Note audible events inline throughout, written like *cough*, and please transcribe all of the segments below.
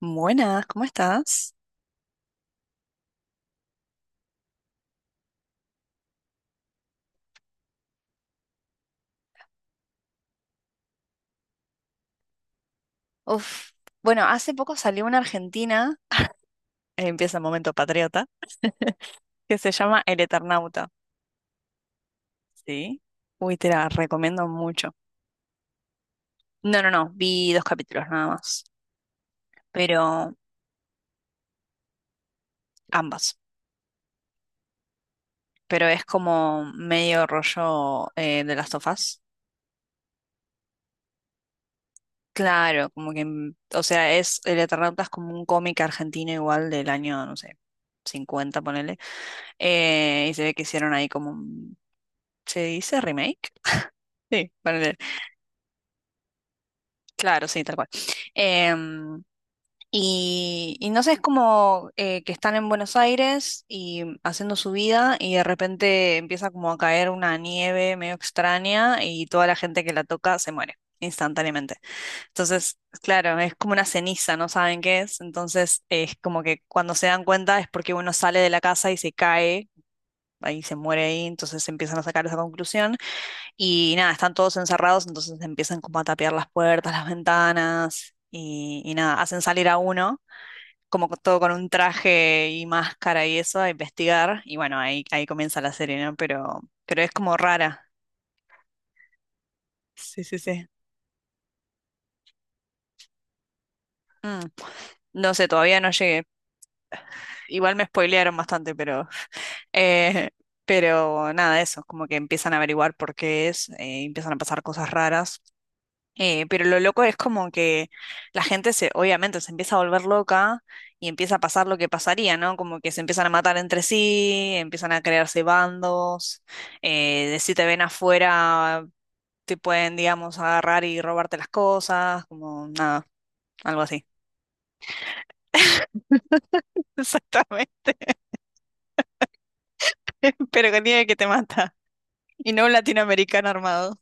Buenas, ¿cómo estás? Uf. Bueno, hace poco salió una argentina, *laughs* empieza el momento patriota, *laughs* que se llama El Eternauta. Sí. Uy, te la recomiendo mucho. No, no, no, vi dos capítulos nada más, pero ambas. Pero es como medio rollo de las tofas. Claro, como que, o sea, es El Eternauta es como un cómic argentino igual del año, no sé, 50 ponele. Y se ve que hicieron ahí como, ¿se dice remake? Sí, para leer. Claro, sí, tal cual. Em, y no sé, es como que están en Buenos Aires y haciendo su vida y de repente empieza como a caer una nieve medio extraña y toda la gente que la toca se muere instantáneamente. Entonces, claro, es como una ceniza, no saben qué es. Entonces, es como que cuando se dan cuenta es porque uno sale de la casa y se cae, ahí se muere ahí, entonces empiezan a sacar esa conclusión. Y nada, están todos encerrados, entonces empiezan como a tapiar las puertas, las ventanas y nada, hacen salir a uno, como todo con un traje y máscara y eso, a investigar. Y bueno, ahí comienza la serie, ¿no? Pero es como rara. Sí, sí, sí. Mm, No sé, todavía no llegué. Igual me spoilearon bastante, pero, *laughs* eh, pero nada, eso, como que empiezan a averiguar por qué es, empiezan a pasar cosas raras. Pero lo loco es como que la gente se, obviamente, se empieza a volver loca y empieza a pasar lo que pasaría, ¿no? Como que se empiezan a matar entre sí, empiezan a crearse bandos, de si te ven afuera te pueden, digamos, agarrar y robarte las cosas, como nada, algo así. *laughs* Exactamente. *laughs* Pero que tiene que te mata. Y no un latinoamericano armado.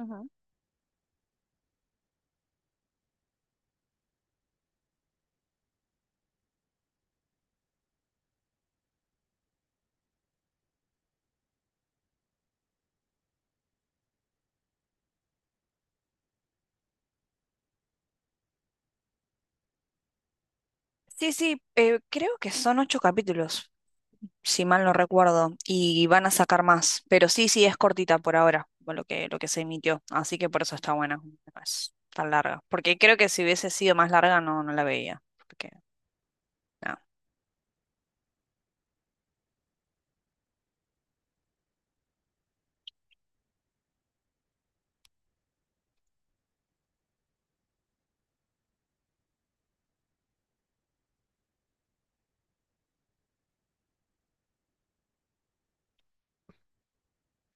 Ujú. Sí, sí, creo que son ocho capítulos, si mal no recuerdo, y van a sacar más, pero sí, sí, es cortita por ahora, por lo que se emitió, así que por eso está buena, no es tan larga, porque creo que si hubiese sido más larga no, no la veía, porque, no,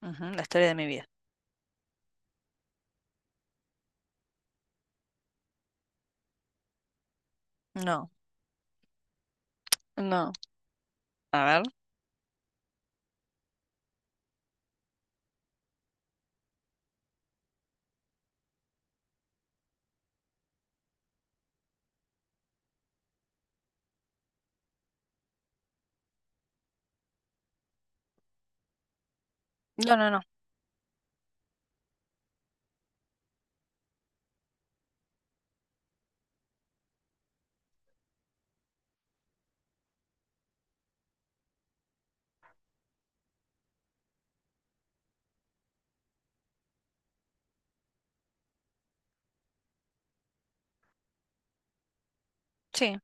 ujú, la historia de mi vida. No, no. A ver. No, no, no. Sí.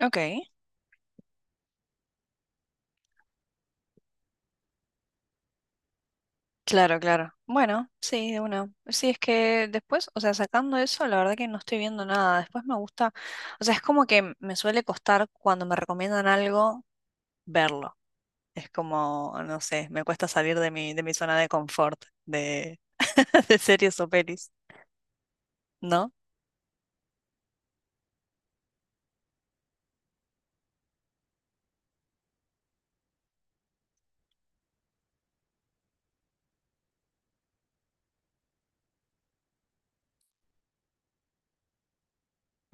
Ok. Claro, claro. Bueno, sí, de una. Sí, es que después, o sea, sacando eso, la verdad que no estoy viendo nada. Después me gusta, o sea, es como que me suele costar cuando me recomiendan algo verlo. Es como, no sé, me cuesta salir de mi zona de confort de, *laughs* de series o pelis, ¿no?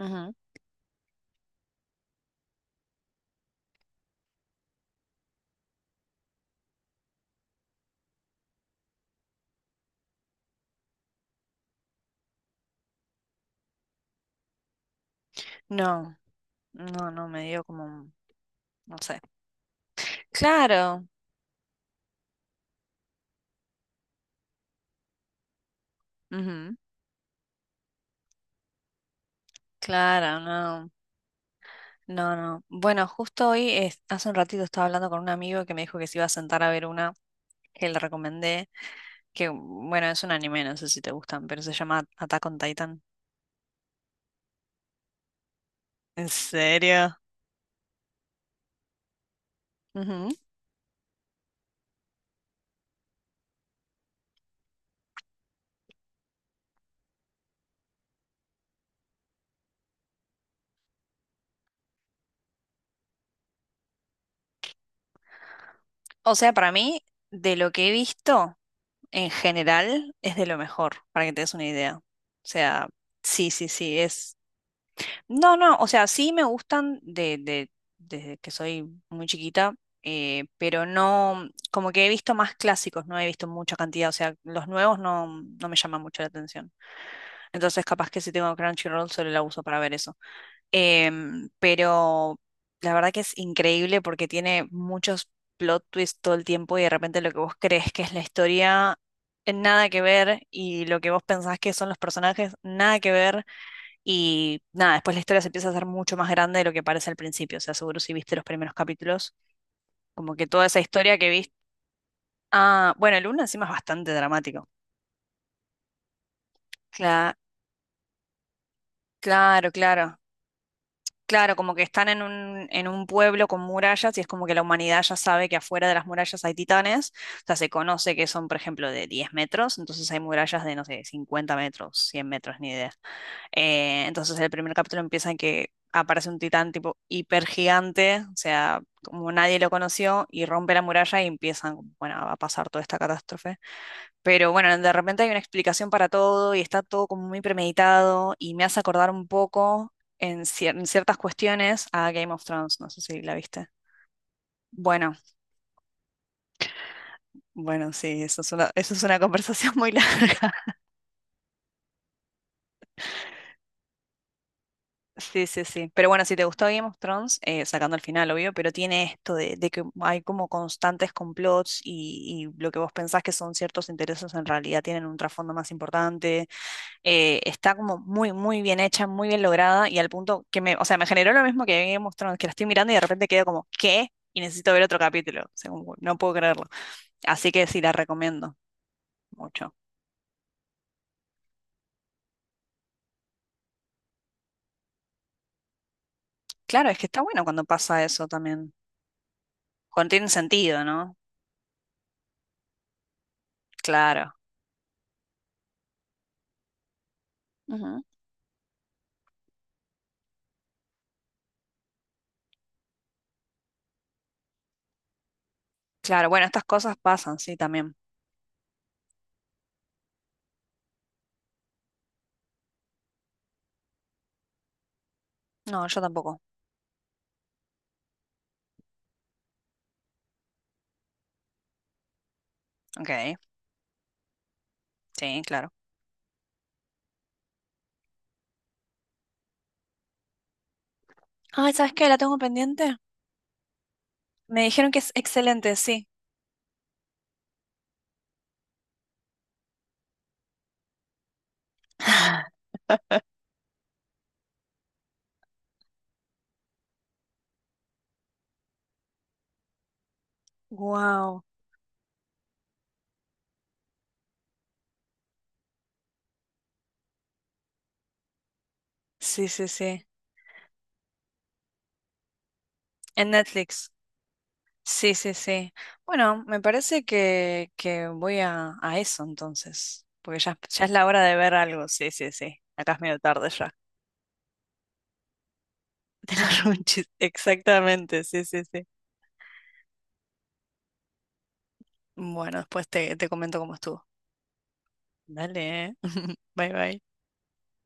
Ujú. No, no, no, me dio como, no sé. Claro. Ujú. Claro, no. No, no. Bueno, justo hoy, hace un ratito estaba hablando con un amigo que me dijo que se iba a sentar a ver una que le recomendé, que bueno, es un anime, no sé si te gustan, pero se llama Attack on Titan. ¿En serio? Ujú. O sea, para mí, de lo que he visto en general, es de lo mejor, para que te des una idea. O sea, sí, sí, sí, es. No, no, o sea, sí me gustan desde que soy muy chiquita, pero no, como que he visto más clásicos, no he visto mucha cantidad, o sea, los nuevos no, no me llaman mucho la atención. Entonces, capaz que si tengo Crunchyroll solo la uso para ver eso. Pero la verdad que es increíble porque tiene muchos plot twists todo el tiempo y de repente lo que vos crees que es la historia, nada que ver, y lo que vos pensás que son los personajes, nada que ver. Y nada, después la historia se empieza a hacer mucho más grande de lo que parece al principio. O sea, seguro si viste los primeros capítulos, como que toda esa historia que viste. Ah, bueno, el uno encima es bastante dramático. Cla- claro, claro. Claro, como que están en un pueblo con murallas y es como que la humanidad ya sabe que afuera de las murallas hay titanes. O sea, se conoce que son, por ejemplo, de 10 metros, entonces hay murallas de, no sé, 50 metros, 100 metros, ni idea. Entonces el primer capítulo empieza en que aparece un titán tipo hiper gigante, o sea, como nadie lo conoció, y rompe la muralla y empiezan, como, bueno, a pasar toda esta catástrofe. Pero bueno, de repente hay una explicación para todo y está todo como muy premeditado y me hace acordar un poco en ciertas cuestiones a Game of Thrones, no sé si la viste. Bueno, bueno, sí, eso es una *laughs* conversación muy larga. Sí, sí, sí. Pero bueno, si te gustó Game of Thrones, sacando el final, obvio, pero tiene esto de que hay como constantes complots y lo que vos pensás que son ciertos intereses en realidad tienen un trasfondo más importante. Está como muy, muy bien hecha, muy bien lograda y al punto que me, o sea, me generó lo mismo que Game of Thrones, que la estoy mirando y de repente quedo como, ¿qué? Y necesito ver otro capítulo. O sea, como, no puedo creerlo. Así que sí, la recomiendo mucho. Claro, es que está bueno cuando pasa eso también. Cuando tiene sentido, ¿no? Claro. Claro, bueno, estas cosas pasan, sí, también. No, yo tampoco. Ok, sí, claro. Ay, ¿sabes qué? La tengo pendiente. Me dijeron que es excelente, sí. *gasps* *sighs* Wow. Sí, sí, sí. En Netflix. Sí, sí, sí. Bueno, me parece que voy a eso entonces. Porque ya, ya es la hora de ver algo. Sí, sí, sí. Acá es medio tarde ya. *laughs* De los runchis. Exactamente, sí, sí, sí. Bueno, después te comento cómo estuvo. Dale. *laughs* Bye, bye.